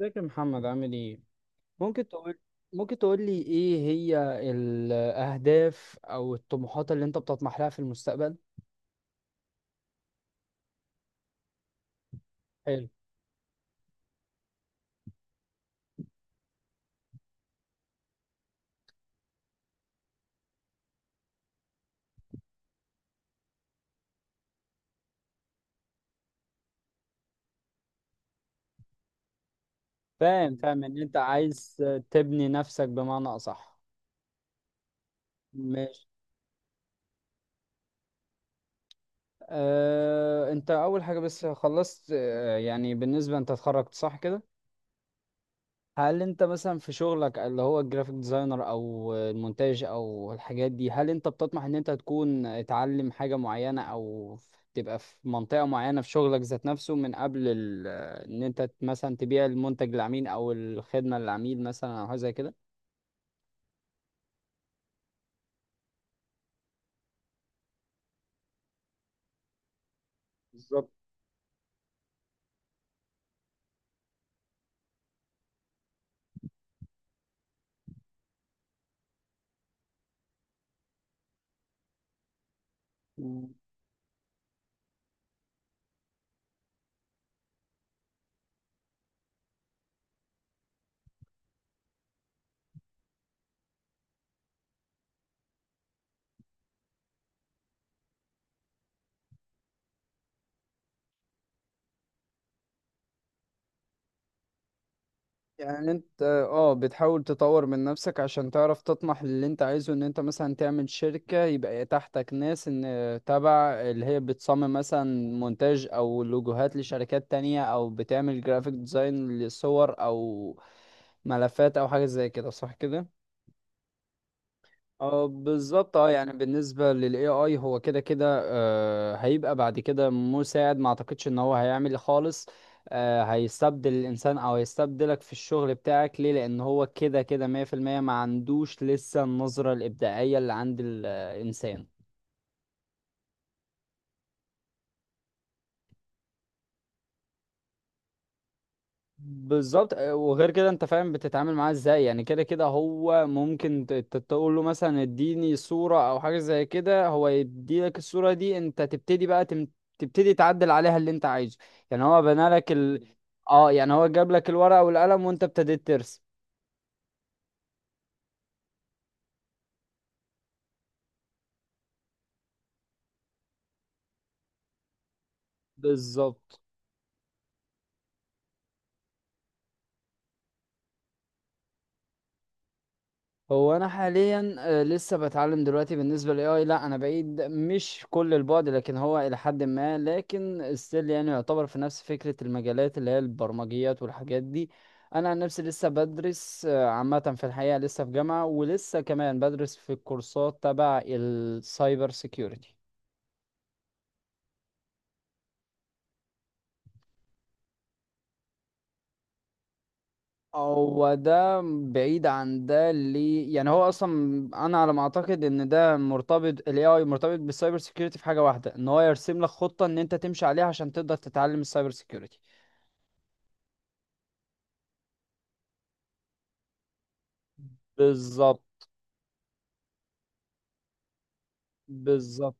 ازيك يا محمد؟ عامل ايه؟ ممكن تقول، ممكن تقول لي ايه هي الاهداف او الطموحات اللي انت بتطمح لها في المستقبل؟ حلو. فاهم انت عايز تبني نفسك بمعنى اصح. ماشي. انت اول حاجة بس خلصت، يعني بالنسبة، انت اتخرجت صح كده؟ هل انت مثلا في شغلك اللي هو الجرافيك ديزاينر او المونتاج او الحاجات دي، هل انت بتطمح ان انت تكون تعلم حاجة معينة او تبقى في منطقة معينة في شغلك ذات نفسه، من قبل ان انت مثلا تبيع المنتج للعميل او الخدمة للعميل مثلا او حاجة زي كده؟ بالظبط. يعني انت اه بتحاول تطور من نفسك عشان تعرف تطمح للي انت عايزه، ان انت مثلا تعمل شركة يبقى تحتك ناس ان تبع اللي هي بتصمم مثلا مونتاج او لوجوهات لشركات تانية، او بتعمل جرافيك ديزاين لصور او ملفات او حاجة زي كده، صح كده؟ اه، بالظبط. اه يعني بالنسبة لل AI، هو كده كده آه هيبقى بعد كده مساعد. ما اعتقدش ان هو هيعمل خالص، آه، هيستبدل الانسان او هيستبدلك في الشغل بتاعك. ليه؟ لان هو كده كده 100% ما عندوش لسه النظرة الابداعية اللي عند الانسان. بالظبط. وغير كده انت فاهم بتتعامل معاه ازاي، يعني كده كده هو ممكن تقول له مثلا اديني صورة او حاجة زي كده، هو يدي لك الصورة دي، انت تبتدي بقى تبتدي تعدل عليها اللي انت عايزه. يعني هو بنى لك اه يعني هو جاب لك الورقة والقلم وانت ابتديت ترسم. بالظبط. هو انا حاليا لسه بتعلم دلوقتي. بالنسبه للاي اي، لا انا بعيد، مش كل البعد لكن هو الى حد ما، لكن ستيل يعني يعتبر في نفس فكره المجالات اللي هي البرمجيات والحاجات دي. انا عن نفسي لسه بدرس عامه، في الحقيقه لسه في جامعه، ولسه كمان بدرس في الكورسات تبع السايبر سيكيورتي. هو ده بعيد عن ده، اللي يعني هو اصلا انا على ما اعتقد ان ده مرتبط، ال AI مرتبط بالسايبر سيكيورتي في حاجه واحده، ان هو يرسم لك خطه ان انت تمشي عليها عشان تقدر تتعلم السايبر سيكيورتي. بالظبط بالظبط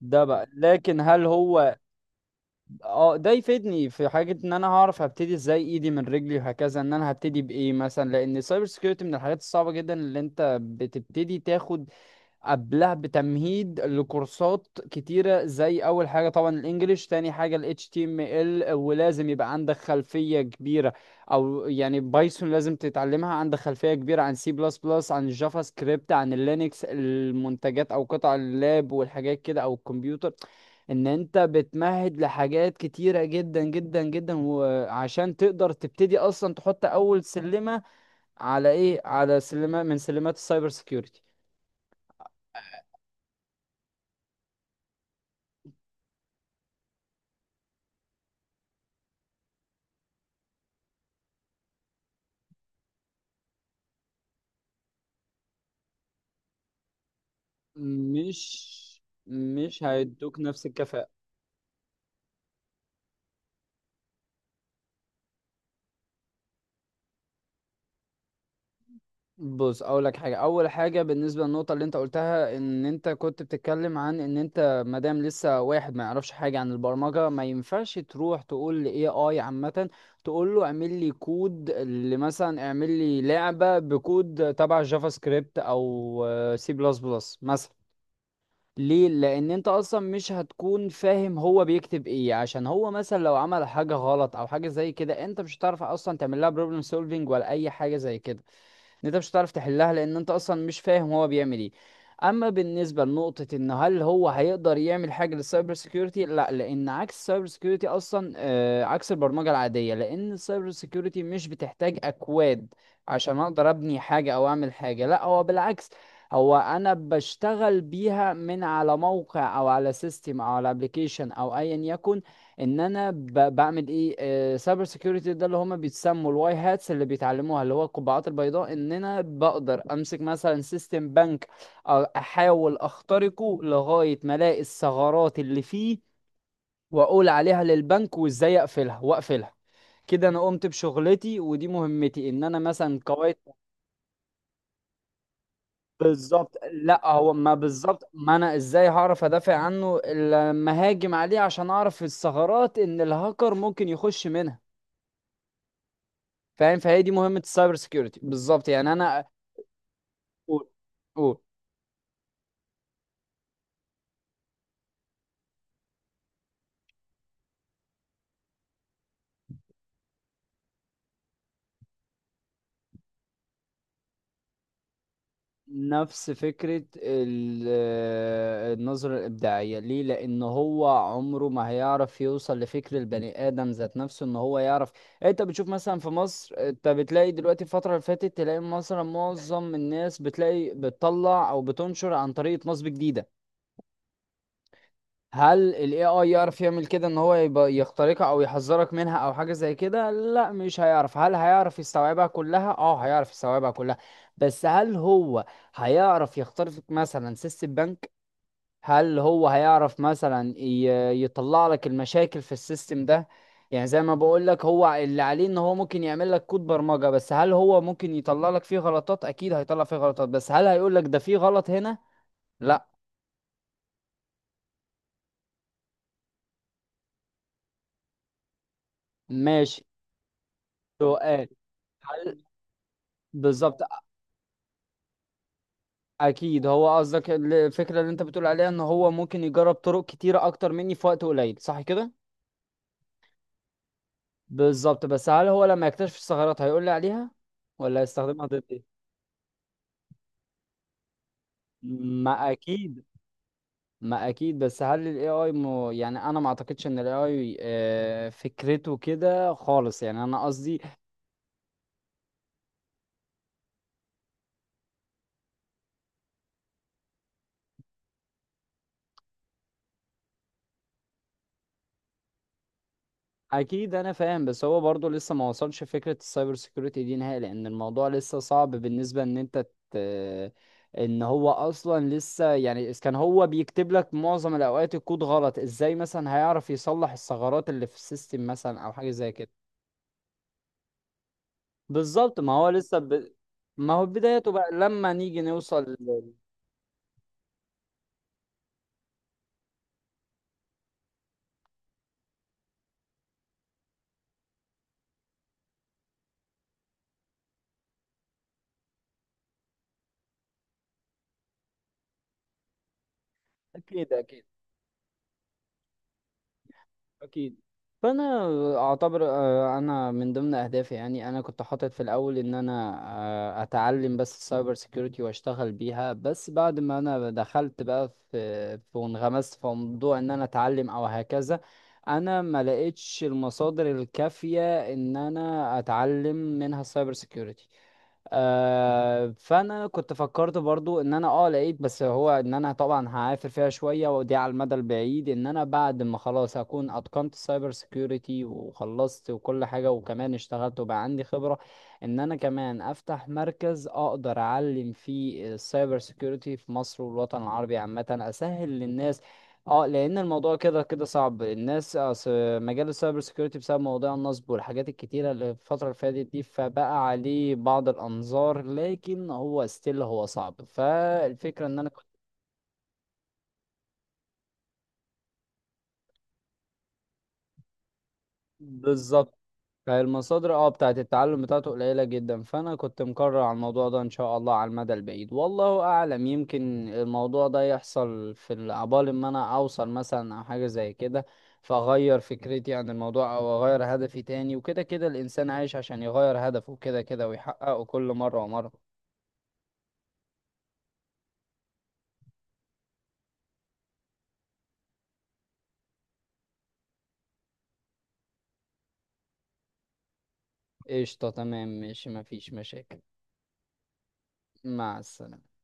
ده بقى. لكن هل هو اه ده يفيدني في حاجه؟ ان انا هعرف هبتدي ازاي، ايدي من رجلي وهكذا، ان انا هبتدي بايه مثلا، لان السايبر سيكيورتي من الحاجات الصعبه جدا اللي انت بتبتدي تاخد قبلها بتمهيد لكورسات كتيرة، زي أول حاجة طبعا الإنجليش، تاني حاجة ال HTML، ولازم يبقى عندك خلفية كبيرة أو يعني بايثون لازم تتعلمها، عندك خلفية كبيرة عن سي بلس بلس، عن الجافا سكريبت، عن اللينكس المنتجات، أو قطع اللاب والحاجات كده، أو الكمبيوتر. إن أنت بتمهد لحاجات كتيرة جدا جدا جدا وعشان تقدر تبتدي أصلا تحط أول سلمة على إيه؟ على سلمة من سلمات السايبر سيكيورتي. مش هيدوك نفس الكفاءة. بص اقول لك حاجة، اول حاجة بالنسبة للنقطة اللي انت قلتها، ان انت كنت بتتكلم عن ان انت مادام لسه واحد ما يعرفش حاجة عن البرمجة ما ينفعش تروح تقول لاي اي عامة، تقول له اعمل لي كود اللي مثلا اعمل لي لعبة بكود تبع جافا سكريبت او سي بلس بلس مثلا. ليه؟ لان انت اصلا مش هتكون فاهم هو بيكتب ايه، عشان هو مثلا لو عمل حاجه غلط او حاجه زي كده انت مش هتعرف اصلا تعمل لها بروبلم سولفينج ولا اي حاجه زي كده، ان انت مش هتعرف تحلها لان انت اصلا مش فاهم هو بيعمل ايه. اما بالنسبه لنقطه ان هل هو هيقدر يعمل حاجه للسايبر سيكيورتي، لا، لان عكس السايبر سيكيورتي اصلا عكس البرمجه العاديه، لان السايبر سيكيورتي مش بتحتاج اكواد عشان اقدر ابني حاجه او اعمل حاجه، لا هو بالعكس. هو انا بشتغل بيها من على موقع او على سيستم او على ابلكيشن او ايا يكن. ان انا بعمل ايه سايبر سيكيورتي، ده اللي هما بيتسموا الواي هاتس اللي بيتعلموها، اللي هو القبعات البيضاء، ان انا بقدر امسك مثلا سيستم بنك، احاول اخترقه لغاية ما الاقي الثغرات اللي فيه، واقول عليها للبنك وازاي اقفلها واقفلها. كده انا قمت بشغلتي ودي مهمتي، ان انا مثلا قواعد. بالظبط. لا هو ما بالظبط، ما انا ازاي هعرف ادافع عنه إلا لما هاجم عليه عشان اعرف الثغرات ان الهاكر ممكن يخش منها؟ فاهم؟ فهي دي مهمة السايبر سيكيورتي بالظبط، يعني انا. قول، قول. نفس فكرة النظرة الإبداعية. ليه؟ لأن هو عمره ما هيعرف يوصل لفكر البني آدم ذات نفسه إن هو يعرف. إيه، أنت بتشوف مثلا في مصر، أنت بتلاقي دلوقتي الفترة اللي فاتت تلاقي مثلا معظم الناس بتلاقي بتطلع أو بتنشر عن طريقة نصب جديدة. هل ال AI يعرف يعمل كده؟ ان هو يبقى يخترقها او يحذرك منها او حاجة زي كده؟ لا مش هيعرف. هل هيعرف يستوعبها كلها؟ اه هيعرف يستوعبها كلها، بس هل هو هيعرف يخترق مثلا سيستم بنك؟ هل هو هيعرف مثلا يطلع لك المشاكل في السيستم ده؟ يعني زي ما بقول لك، هو اللي عليه ان هو ممكن يعمل لك كود برمجة، بس هل هو ممكن يطلع لك فيه غلطات؟ اكيد هيطلع فيه غلطات، بس هل هيقول لك ده فيه غلط هنا؟ لا. ماشي. سؤال. هل بالظبط. اكيد. هو قصدك الفكره اللي انت بتقول عليها ان هو ممكن يجرب طرق كتيره اكتر مني في وقت قليل، صح كده؟ بالظبط. بس هل هو لما يكتشف الثغرات هيقول لي عليها ولا هيستخدمها ضدي؟ ما اكيد ما اكيد بس هل الاي اي يعني انا ما اعتقدش ان الاي اي فكرته كده خالص، يعني انا قصدي. اكيد انا فاهم، بس هو برضه لسه ما وصلش فكره السايبر سيكيورتي دي نهائي، لان الموضوع لسه صعب بالنسبه ان ان هو اصلا لسه يعني إذا كان هو بيكتب لك معظم الاوقات الكود غلط، ازاي مثلا هيعرف يصلح الثغرات اللي في السيستم مثلا او حاجه زي كده؟ بالظبط. ما هو بدايته بقى، لما نيجي نوصل اكيد، اكيد. فانا اعتبر، انا من ضمن اهدافي، يعني انا كنت حاطط في الاول ان انا اتعلم بس السايبر سيكيورتي واشتغل بيها. بس بعد ما انا دخلت بقى في وانغمست في موضوع ان انا اتعلم او هكذا، انا ما لقيتش المصادر الكافية ان انا اتعلم منها السايبر سيكيورتي. آه، فانا كنت فكرت برضو ان انا اه لقيت، بس هو ان انا طبعا هعافر فيها شوية، ودي على المدى البعيد، ان انا بعد ما خلاص هكون اتقنت السايبر سيكيورتي وخلصت وكل حاجة وكمان اشتغلت وبقى عندي خبرة، ان انا كمان افتح مركز اقدر اعلم فيه السايبر سيكيورتي في مصر والوطن العربي عامة، اسهل للناس. اه، لان الموضوع كده كده صعب، الناس مجال السايبر سيكيورتي بسبب مواضيع النصب والحاجات الكتيرة اللي في الفترة اللي فاتت دي، فبقى عليه بعض الأنظار، لكن هو ستيل هو صعب. فالفكرة إن أنا كنت، بالظبط، فالمصادر اه بتاعت التعلم بتاعته قليلة جدا، فأنا كنت مقرر على الموضوع ده إن شاء الله على المدى البعيد، والله أعلم يمكن الموضوع ده يحصل في عبال ما أنا أوصل مثلا أو حاجة زي كده، فأغير فكرتي عن الموضوع أو أغير هدفي تاني، وكده كده الإنسان عايش عشان يغير هدفه كده كده ويحققه كل مرة ومرة. قشطة، تمام، ماشي، مفيش مشاكل. مع السلامة.